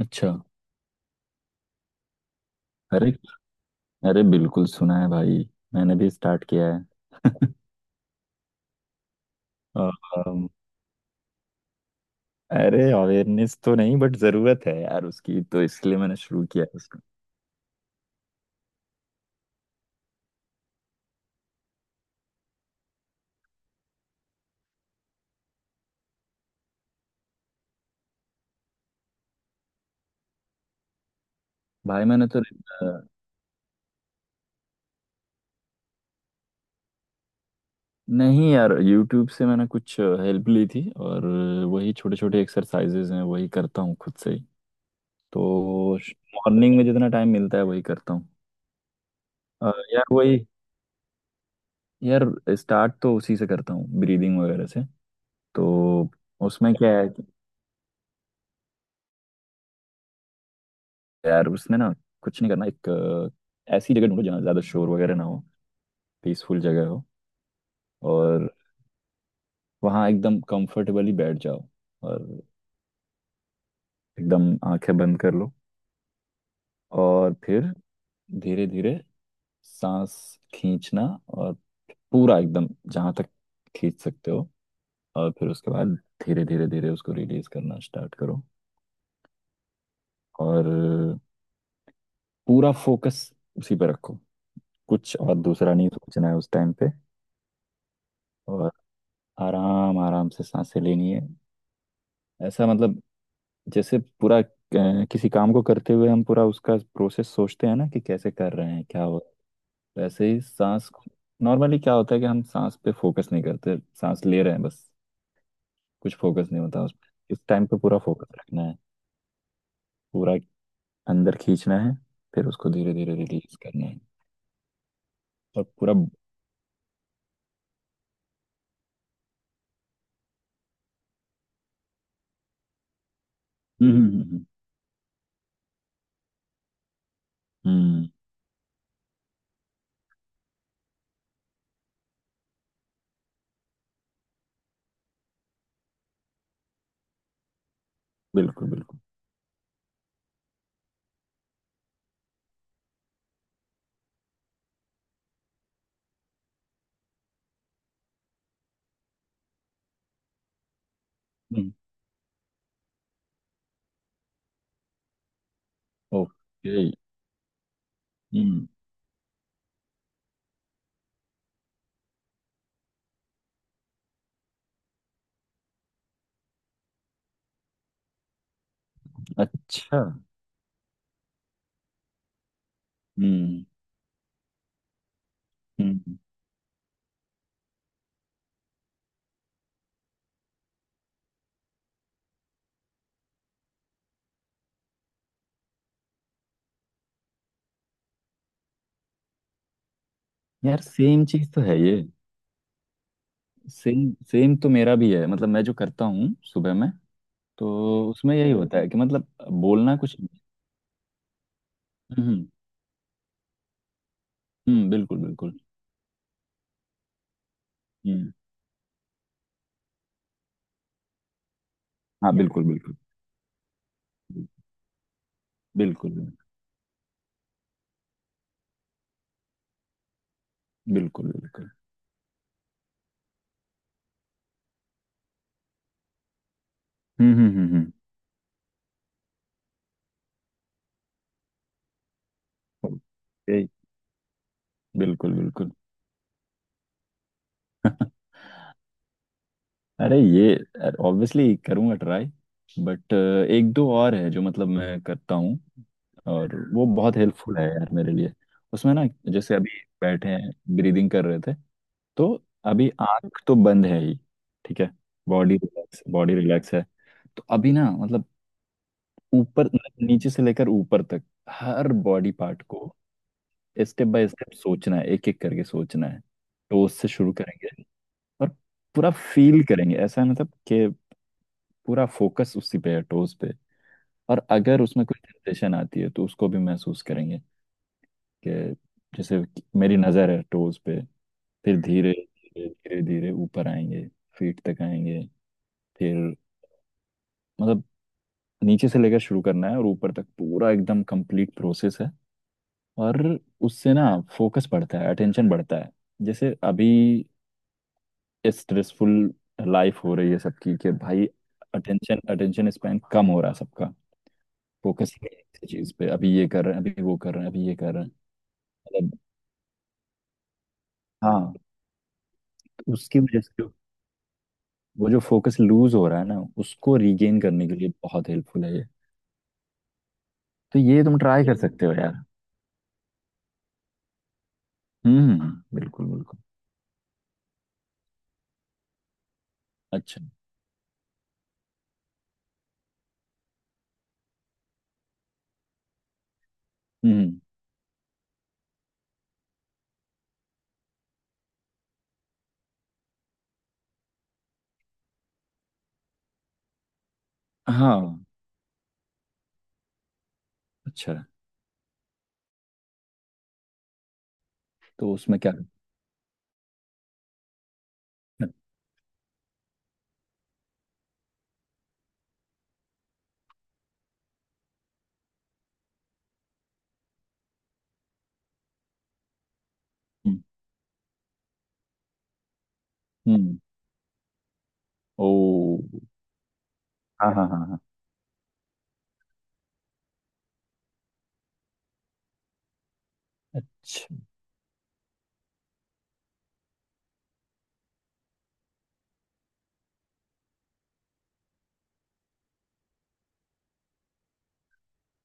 अच्छा। अरे अरे बिल्कुल सुना है भाई। मैंने भी स्टार्ट किया है। अम, अरे अवेयरनेस तो नहीं बट जरूरत है यार उसकी तो, इसलिए मैंने शुरू किया है उसको। भाई मैंने तो नहीं यार, यूट्यूब से मैंने कुछ हेल्प ली थी, और वही छोटे छोटे एक्सरसाइजेज हैं वही करता हूँ खुद से ही। तो मॉर्निंग में जितना टाइम मिलता है वही करता हूँ। यार वही, यार स्टार्ट तो उसी से करता हूँ, ब्रीदिंग वगैरह से। तो उसमें क्या है, यार उसमें ना कुछ नहीं करना, एक ऐसी जगह ढूंढो जहाँ ज्यादा शोर वगैरह ना हो, पीसफुल जगह हो। और वहाँ एकदम कंफर्टेबली बैठ जाओ और एकदम आंखें बंद कर लो। और फिर धीरे धीरे सांस खींचना, और पूरा एकदम जहाँ तक खींच सकते हो। और फिर उसके बाद धीरे धीरे धीरे उसको रिलीज करना स्टार्ट करो। और पूरा फोकस उसी पे रखो, कुछ और दूसरा नहीं सोचना है उस टाइम पे। और आराम आराम से सांसें लेनी है। ऐसा, मतलब जैसे पूरा, किसी काम को करते हुए हम पूरा उसका प्रोसेस सोचते हैं ना, कि कैसे कर रहे हैं, क्या हो। वैसे ही सांस को। नॉर्मली क्या होता है कि हम सांस पे फोकस नहीं करते, सांस ले रहे हैं बस, कुछ फोकस नहीं होता उस पे। इस टाइम पे पूरा फोकस रखना है। पूरा अंदर खींचना है, फिर उसको धीरे धीरे रिलीज करना है। और पूरा हम्म हम्म, हम्म, बिल्कुल बिल्कुल। हम्म, ओके। हम्म। अच्छा। हम्म हम्म। यार सेम चीज तो है ये। सेम सेम तो मेरा भी है, मतलब मैं जो करता हूँ सुबह में, तो उसमें यही होता है कि मतलब, बोलना कुछ नहीं। हम्म हम्म, बिल्कुल बिल्कुल। हम्म। हाँ, बिल्कुल बिल्कुल। बिल्कुल बिल्कुल बिल्कुल। हम्म। हम्म, यही। बिल्कुल बिल्कुल। अरे ये ऑब्वियसली करूँगा ट्राई। बट एक दो और है जो, मतलब मैं करता हूँ, और वो बहुत हेल्पफुल है यार मेरे लिए। उसमें ना, जैसे अभी बैठे हैं, ब्रीदिंग कर रहे थे, तो अभी आंख तो बंद है ही। ठीक है। बॉडी रिलैक्स है। तो अभी ना मतलब, ऊपर, मतलब नीचे से लेकर ऊपर तक, हर बॉडी पार्ट को स्टेप बाय स्टेप सोचना है, एक एक करके सोचना है। टोस से शुरू करेंगे, और पूरा फील करेंगे। ऐसा है मतलब कि पूरा फोकस उसी पे है, टोस पे। और अगर उसमें कोई टेंशन आती है तो उसको भी महसूस करेंगे, कि जैसे कि मेरी नज़र है टोस पे। फिर धीरे धीरे धीरे धीरे ऊपर आएंगे, फीट तक आएंगे। फिर मतलब नीचे से लेकर शुरू करना है और ऊपर तक, पूरा एकदम कंप्लीट प्रोसेस है। और उससे ना फोकस बढ़ता है, अटेंशन बढ़ता है। जैसे अभी स्ट्रेसफुल लाइफ हो रही है सबकी, कि भाई अटेंशन अटेंशन स्पैन कम हो रहा है सबका। फोकस ही नहीं है किसी चीज पे, अभी ये कर रहे हैं, अभी वो कर रहे हैं, अभी ये कर रहे हैं। मतलब, हाँ। तो उसकी वजह से जो- वो जो फोकस लूज हो रहा है ना, उसको रिगेन करने के लिए बहुत हेल्पफुल है ये। तो ये तुम ट्राई कर सकते हो यार। हम्म बिल्कुल बिल्कुल। अच्छा। हम्म। हाँ। अच्छा। तो उसमें क्या। हम्म हम्म, ओ। हाँ हाँ हाँ हाँ। अच्छा।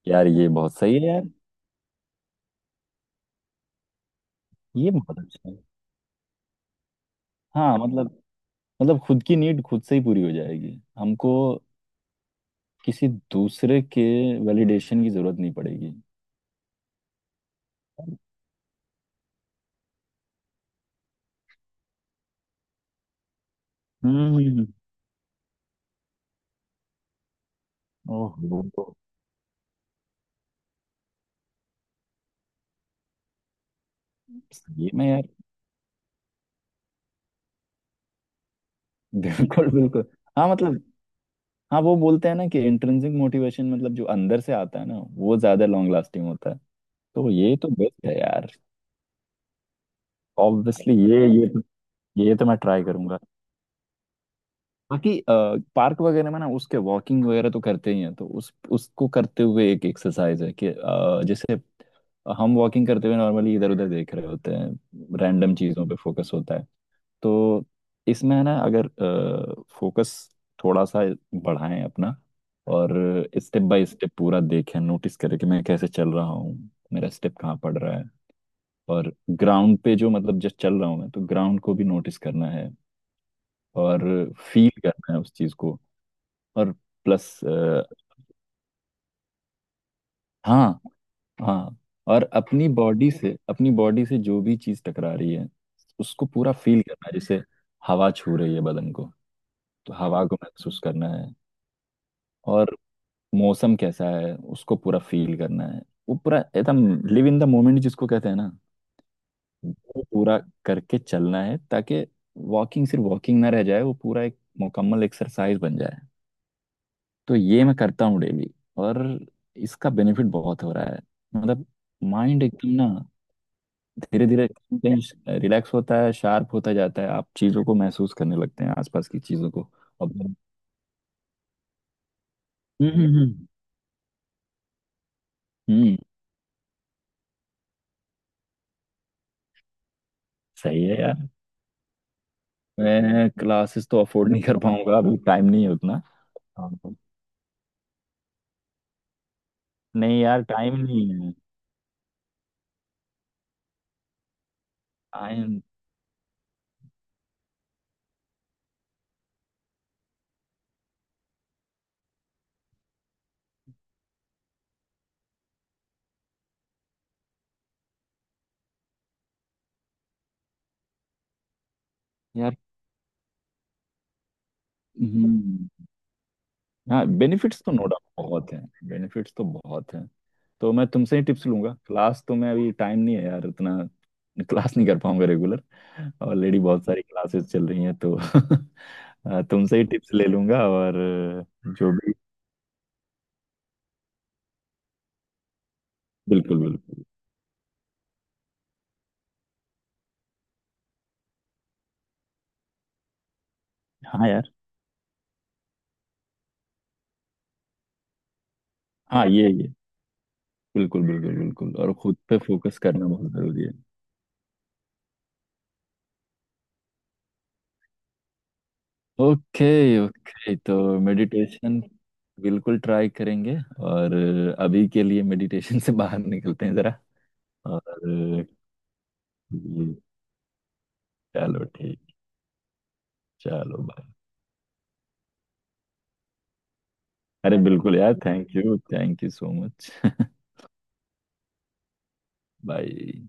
यार ये बहुत सही है यार। ये बहुत अच्छा है। हाँ मतलब खुद की नीड खुद से ही पूरी हो जाएगी हमको, किसी दूसरे के वैलिडेशन की जरूरत नहीं पड़ेगी। हम्म। ओहो। सही में यार। बिल्कुल बिल्कुल। हाँ मतलब, हाँ वो बोलते हैं ना कि इंट्रिंसिक मोटिवेशन, मतलब जो अंदर से आता है ना, वो ज्यादा लॉन्ग लास्टिंग होता है। तो ये तो बेस्ट है यार। ऑब्वियसली ये तो मैं ट्राई करूंगा। बाकी पार्क वगैरह में ना, उसके वॉकिंग वगैरह तो करते ही हैं, तो उस उसको करते हुए एक एक्सरसाइज है, कि जैसे हम वॉकिंग करते हुए नॉर्मली इधर उधर देख रहे होते हैं, रैंडम चीज़ों पे फोकस होता है। तो इसमें है ना, अगर फोकस थोड़ा सा बढ़ाएं अपना, और स्टेप बाय स्टेप पूरा देखें, नोटिस करें कि मैं कैसे चल रहा हूँ, मेरा स्टेप कहाँ पड़ रहा है। और ग्राउंड पे जो, मतलब जस्ट चल रहा हूँ मैं, तो ग्राउंड को भी नोटिस करना है, और फील करना है उस चीज को। और प्लस, हाँ हाँ, और अपनी बॉडी से जो भी चीज टकरा रही है उसको पूरा फील करना है, जैसे हवा छू रही है बदन को, तो हवा को महसूस करना है। और मौसम कैसा है उसको पूरा फील करना है। वो पूरा एकदम, लिव इन द मोमेंट जिसको कहते हैं ना, वो पूरा करके चलना है, ताकि वॉकिंग सिर्फ वॉकिंग ना रह जाए, वो पूरा एक मुकम्मल एक्सरसाइज बन जाए। तो ये मैं करता हूँ डेली, और इसका बेनिफिट बहुत हो रहा है। मतलब माइंड एकदम ना, धीरे धीरे कहीं रिलैक्स होता है, शार्प होता जाता है, आप चीज़ों को महसूस करने लगते हैं, आसपास की चीज़ों को। अब हम्म। हम्म, सही है यार। मैं क्लासेस तो अफोर्ड नहीं कर पाऊंगा, अभी टाइम नहीं है उतना। हाँ। नहीं यार टाइम नहीं है। टाइम। यार। हम्म। हाँ बेनिफिट्स तो नो डाउट बहुत हैं, बेनिफिट्स तो बहुत हैं। तो मैं तुमसे ही टिप्स लूंगा, क्लास तो मैं, अभी टाइम नहीं है यार उतना, क्लास नहीं कर पाऊंगा रेगुलर। ऑलरेडी बहुत सारी क्लासेस चल रही हैं तो तुमसे ही टिप्स ले लूंगा और जो भी। बिल्कुल बिल्कुल। हाँ यार। हाँ, ये बिल्कुल बिल्कुल बिल्कुल, और खुद पे फोकस करना बहुत जरूरी है। ओके। ओके तो मेडिटेशन बिल्कुल ट्राई करेंगे। और अभी के लिए मेडिटेशन से बाहर निकलते हैं जरा। और, जी, चलो ठीक, चलो भाई। अरे बिल्कुल यार, थैंक यू सो मच। भाई।